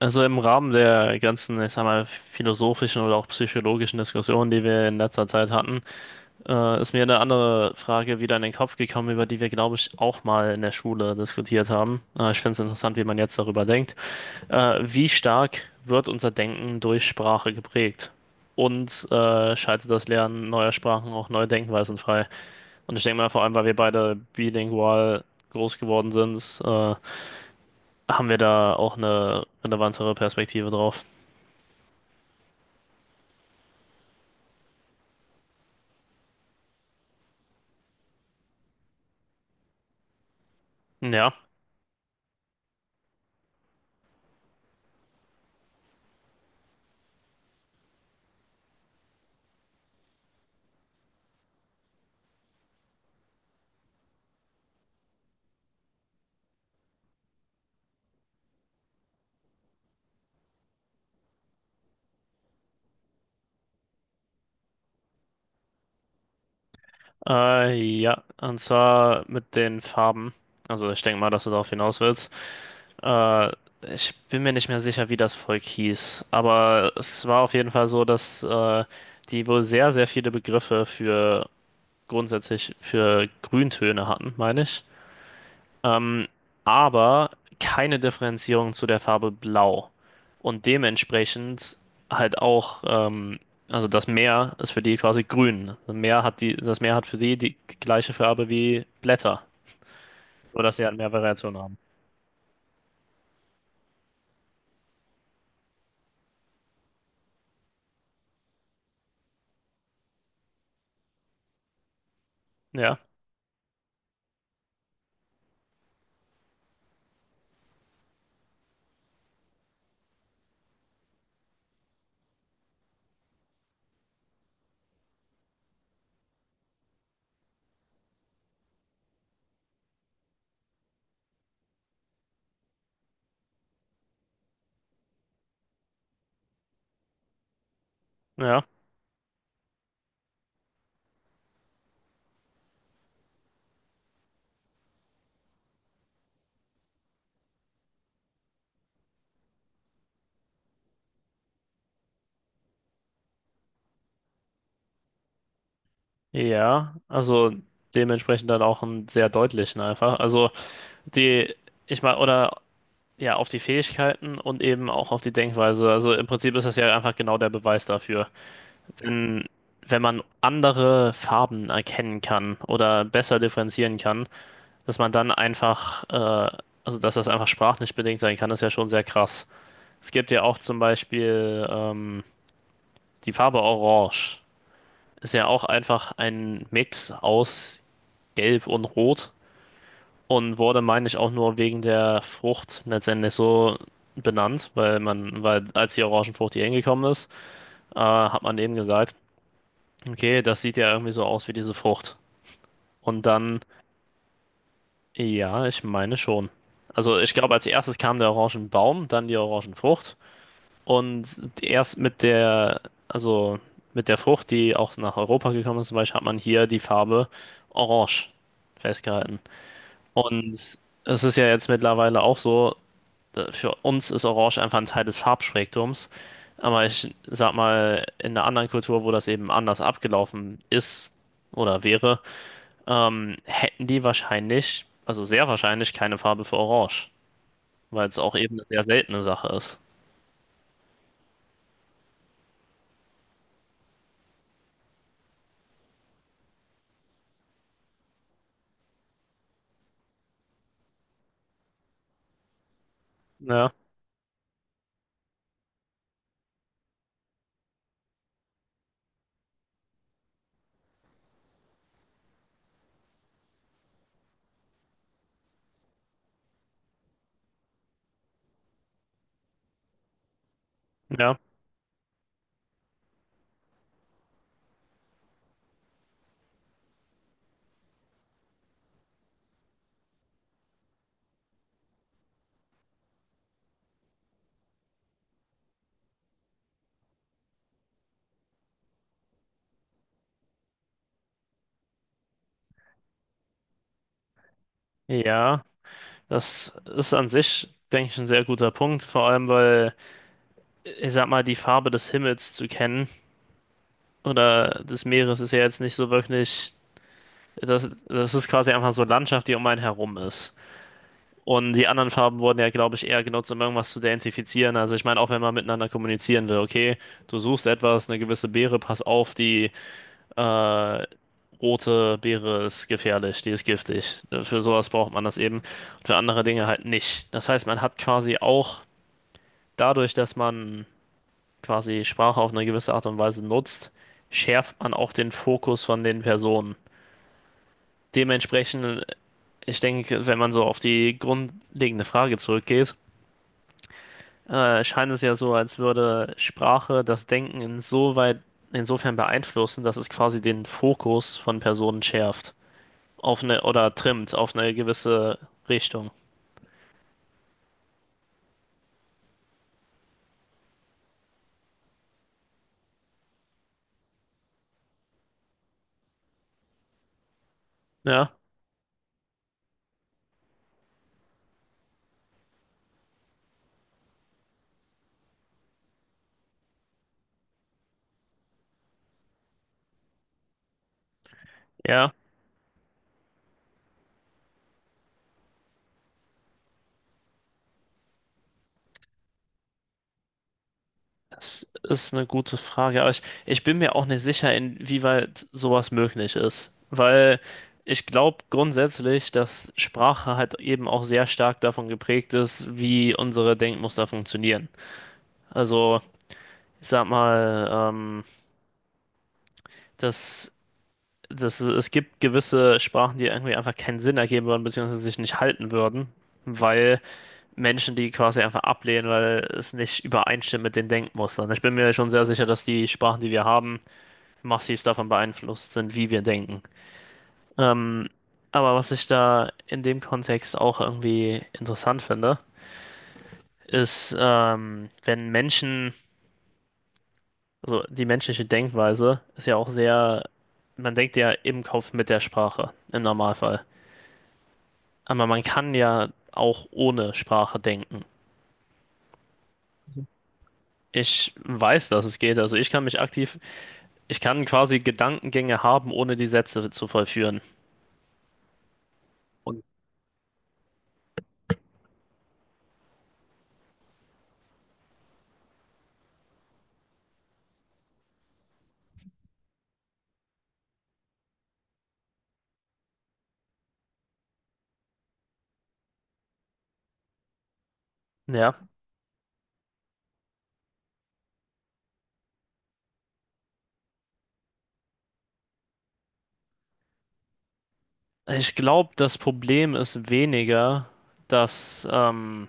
Also im Rahmen der ganzen, ich sag mal, philosophischen oder auch psychologischen Diskussionen, die wir in letzter Zeit hatten, ist mir eine andere Frage wieder in den Kopf gekommen, über die wir, glaube ich, auch mal in der Schule diskutiert haben. Ich finde es interessant, wie man jetzt darüber denkt. Wie stark wird unser Denken durch Sprache geprägt? Und schaltet das Lernen neuer Sprachen auch neue Denkweisen frei? Und ich denke mal, vor allem, weil wir beide bilingual groß geworden sind, haben wir da auch eine relevantere Perspektive drauf. Ja. Äh, ja, und zwar mit den Farben. Also ich denke mal, dass du darauf hinaus willst. Äh, Ich bin mir nicht mehr sicher, wie das Volk hieß, aber es war auf jeden Fall so, dass die wohl sehr, sehr viele Begriffe für grundsätzlich für Grüntöne hatten, meine ich. Ähm, aber keine Differenzierung zu der Farbe Blau. Und dementsprechend halt auch, also das Meer ist für die quasi grün. Das Meer hat das Meer hat für die die gleiche Farbe wie Blätter, nur dass sie halt mehr Variationen haben. Ja, ja, ja. Also dementsprechend dann auch einen sehr deutlichen einfach. Also die, ich meine, oder ja, auf die Fähigkeiten und eben auch auf die Denkweise. Also im Prinzip ist das ja einfach genau der Beweis dafür. Wenn, wenn man andere Farben erkennen kann oder besser differenzieren kann, dass man dann einfach, also dass das einfach sprachlich bedingt sein kann, ist ja schon sehr krass. Es gibt ja auch zum Beispiel die Farbe Orange. Ist ja auch einfach ein Mix aus Gelb und Rot und wurde, meine ich, auch nur wegen der Frucht letztendlich so benannt, weil man, weil als die Orangenfrucht hier hingekommen ist, hat man eben gesagt, okay, das sieht ja irgendwie so aus wie diese Frucht. Und dann, ja, ich meine schon. Also ich glaube, als erstes kam der Orangenbaum, dann die Orangenfrucht. Und erst mit der, also mit der Frucht, die auch nach Europa gekommen ist, zum Beispiel, hat man hier die Farbe Orange festgehalten. Und es ist ja jetzt mittlerweile auch so, für uns ist Orange einfach ein Teil des Farbspektrums. Aber ich sag mal, in einer anderen Kultur, wo das eben anders abgelaufen ist oder wäre, hätten die wahrscheinlich, also sehr wahrscheinlich keine Farbe für Orange, weil es auch eben eine sehr seltene Sache ist. Ja, ja, ja, das ist an sich, denke ich, ein sehr guter Punkt, vor allem weil, ich sag mal, die Farbe des Himmels zu kennen oder des Meeres ist ja jetzt nicht so wirklich, das ist quasi einfach so Landschaft, die um einen herum ist. Und die anderen Farben wurden ja, glaube ich, eher genutzt, um irgendwas zu identifizieren. Also ich meine, auch wenn man miteinander kommunizieren will, okay, du suchst etwas, eine gewisse Beere, pass auf, die äh, rote Beere ist gefährlich, die ist giftig. Für sowas braucht man das eben. Und für andere Dinge halt nicht. Das heißt, man hat quasi auch dadurch, dass man quasi Sprache auf eine gewisse Art und Weise nutzt, schärft man auch den Fokus von den Personen. Dementsprechend, ich denke, wenn man so auf die grundlegende Frage zurückgeht, scheint es ja so, als würde Sprache das Denken insofern beeinflussen, dass es quasi den Fokus von Personen schärft auf eine oder trimmt auf eine gewisse Richtung. Ja, ja, das ist eine gute Frage, aber ich bin mir auch nicht sicher, inwieweit sowas möglich ist, weil ich glaube grundsätzlich, dass Sprache halt eben auch sehr stark davon geprägt ist, wie unsere Denkmuster funktionieren. Also, ich sag mal, dass dass es gibt gewisse Sprachen, die irgendwie einfach keinen Sinn ergeben würden, beziehungsweise sich nicht halten würden, weil Menschen, die quasi einfach ablehnen, weil es nicht übereinstimmt mit den Denkmustern. Ich bin mir schon sehr sicher, dass die Sprachen, die wir haben, massiv davon beeinflusst sind, wie wir denken. Ähm, aber was ich da in dem Kontext auch irgendwie interessant finde, ist, wenn Menschen, also die menschliche Denkweise ist ja auch sehr, man denkt ja im Kopf mit der Sprache, im Normalfall. Aber man kann ja auch ohne Sprache denken. Ich weiß, dass es geht. Also ich kann mich aktiv ich kann quasi Gedankengänge haben, ohne die Sätze zu vollführen. Und ja, ich glaube, das Problem ist weniger, dass, ähm,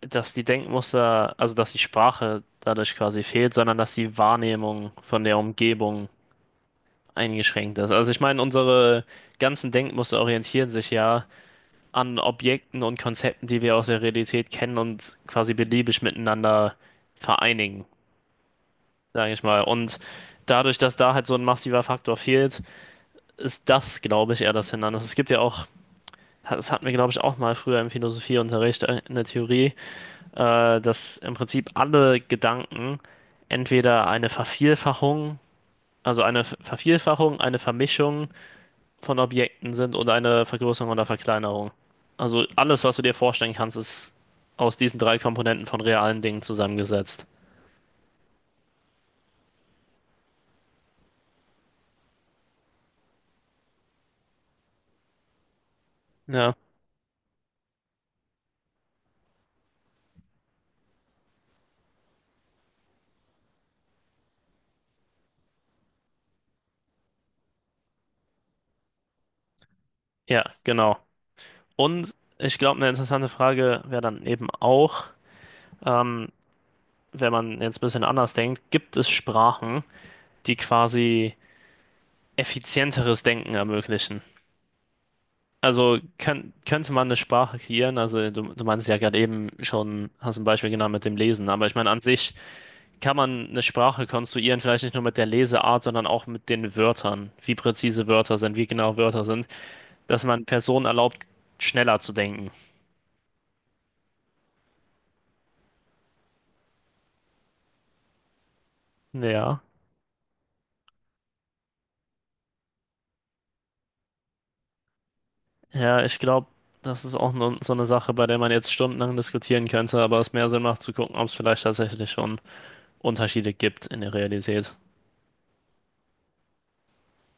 dass die Denkmuster, also dass die Sprache dadurch quasi fehlt, sondern dass die Wahrnehmung von der Umgebung eingeschränkt ist. Also ich meine, unsere ganzen Denkmuster orientieren sich ja an Objekten und Konzepten, die wir aus der Realität kennen und quasi beliebig miteinander vereinigen, sage ich mal. Und dadurch, dass da halt so ein massiver Faktor fehlt, ist das, glaube ich, eher das Hindernis. Es gibt ja auch, das hatten wir, glaube ich, auch mal früher im Philosophieunterricht in der Theorie, dass im Prinzip alle Gedanken entweder eine Vervielfachung, also eine Vervielfachung, eine Vermischung von Objekten sind oder eine Vergrößerung oder Verkleinerung. Also alles, was du dir vorstellen kannst, ist aus diesen drei Komponenten von realen Dingen zusammengesetzt. Ja, ja, genau. Und ich glaube, eine interessante Frage wäre dann eben auch, ähm, wenn man jetzt ein bisschen anders denkt, gibt es Sprachen, die quasi effizienteres Denken ermöglichen. Also könnte man eine Sprache kreieren, also du meinst ja gerade eben schon, hast ein Beispiel genannt mit dem Lesen, aber ich meine, an sich kann man eine Sprache konstruieren, vielleicht nicht nur mit der Leseart, sondern auch mit den Wörtern, wie präzise Wörter sind, wie genau Wörter sind, dass man Personen erlaubt, schneller zu denken. Ja. Ja, ich glaube, das ist auch nur so eine Sache, bei der man jetzt stundenlang diskutieren könnte, aber es mehr Sinn macht zu gucken, ob es vielleicht tatsächlich schon Unterschiede gibt in der Realität.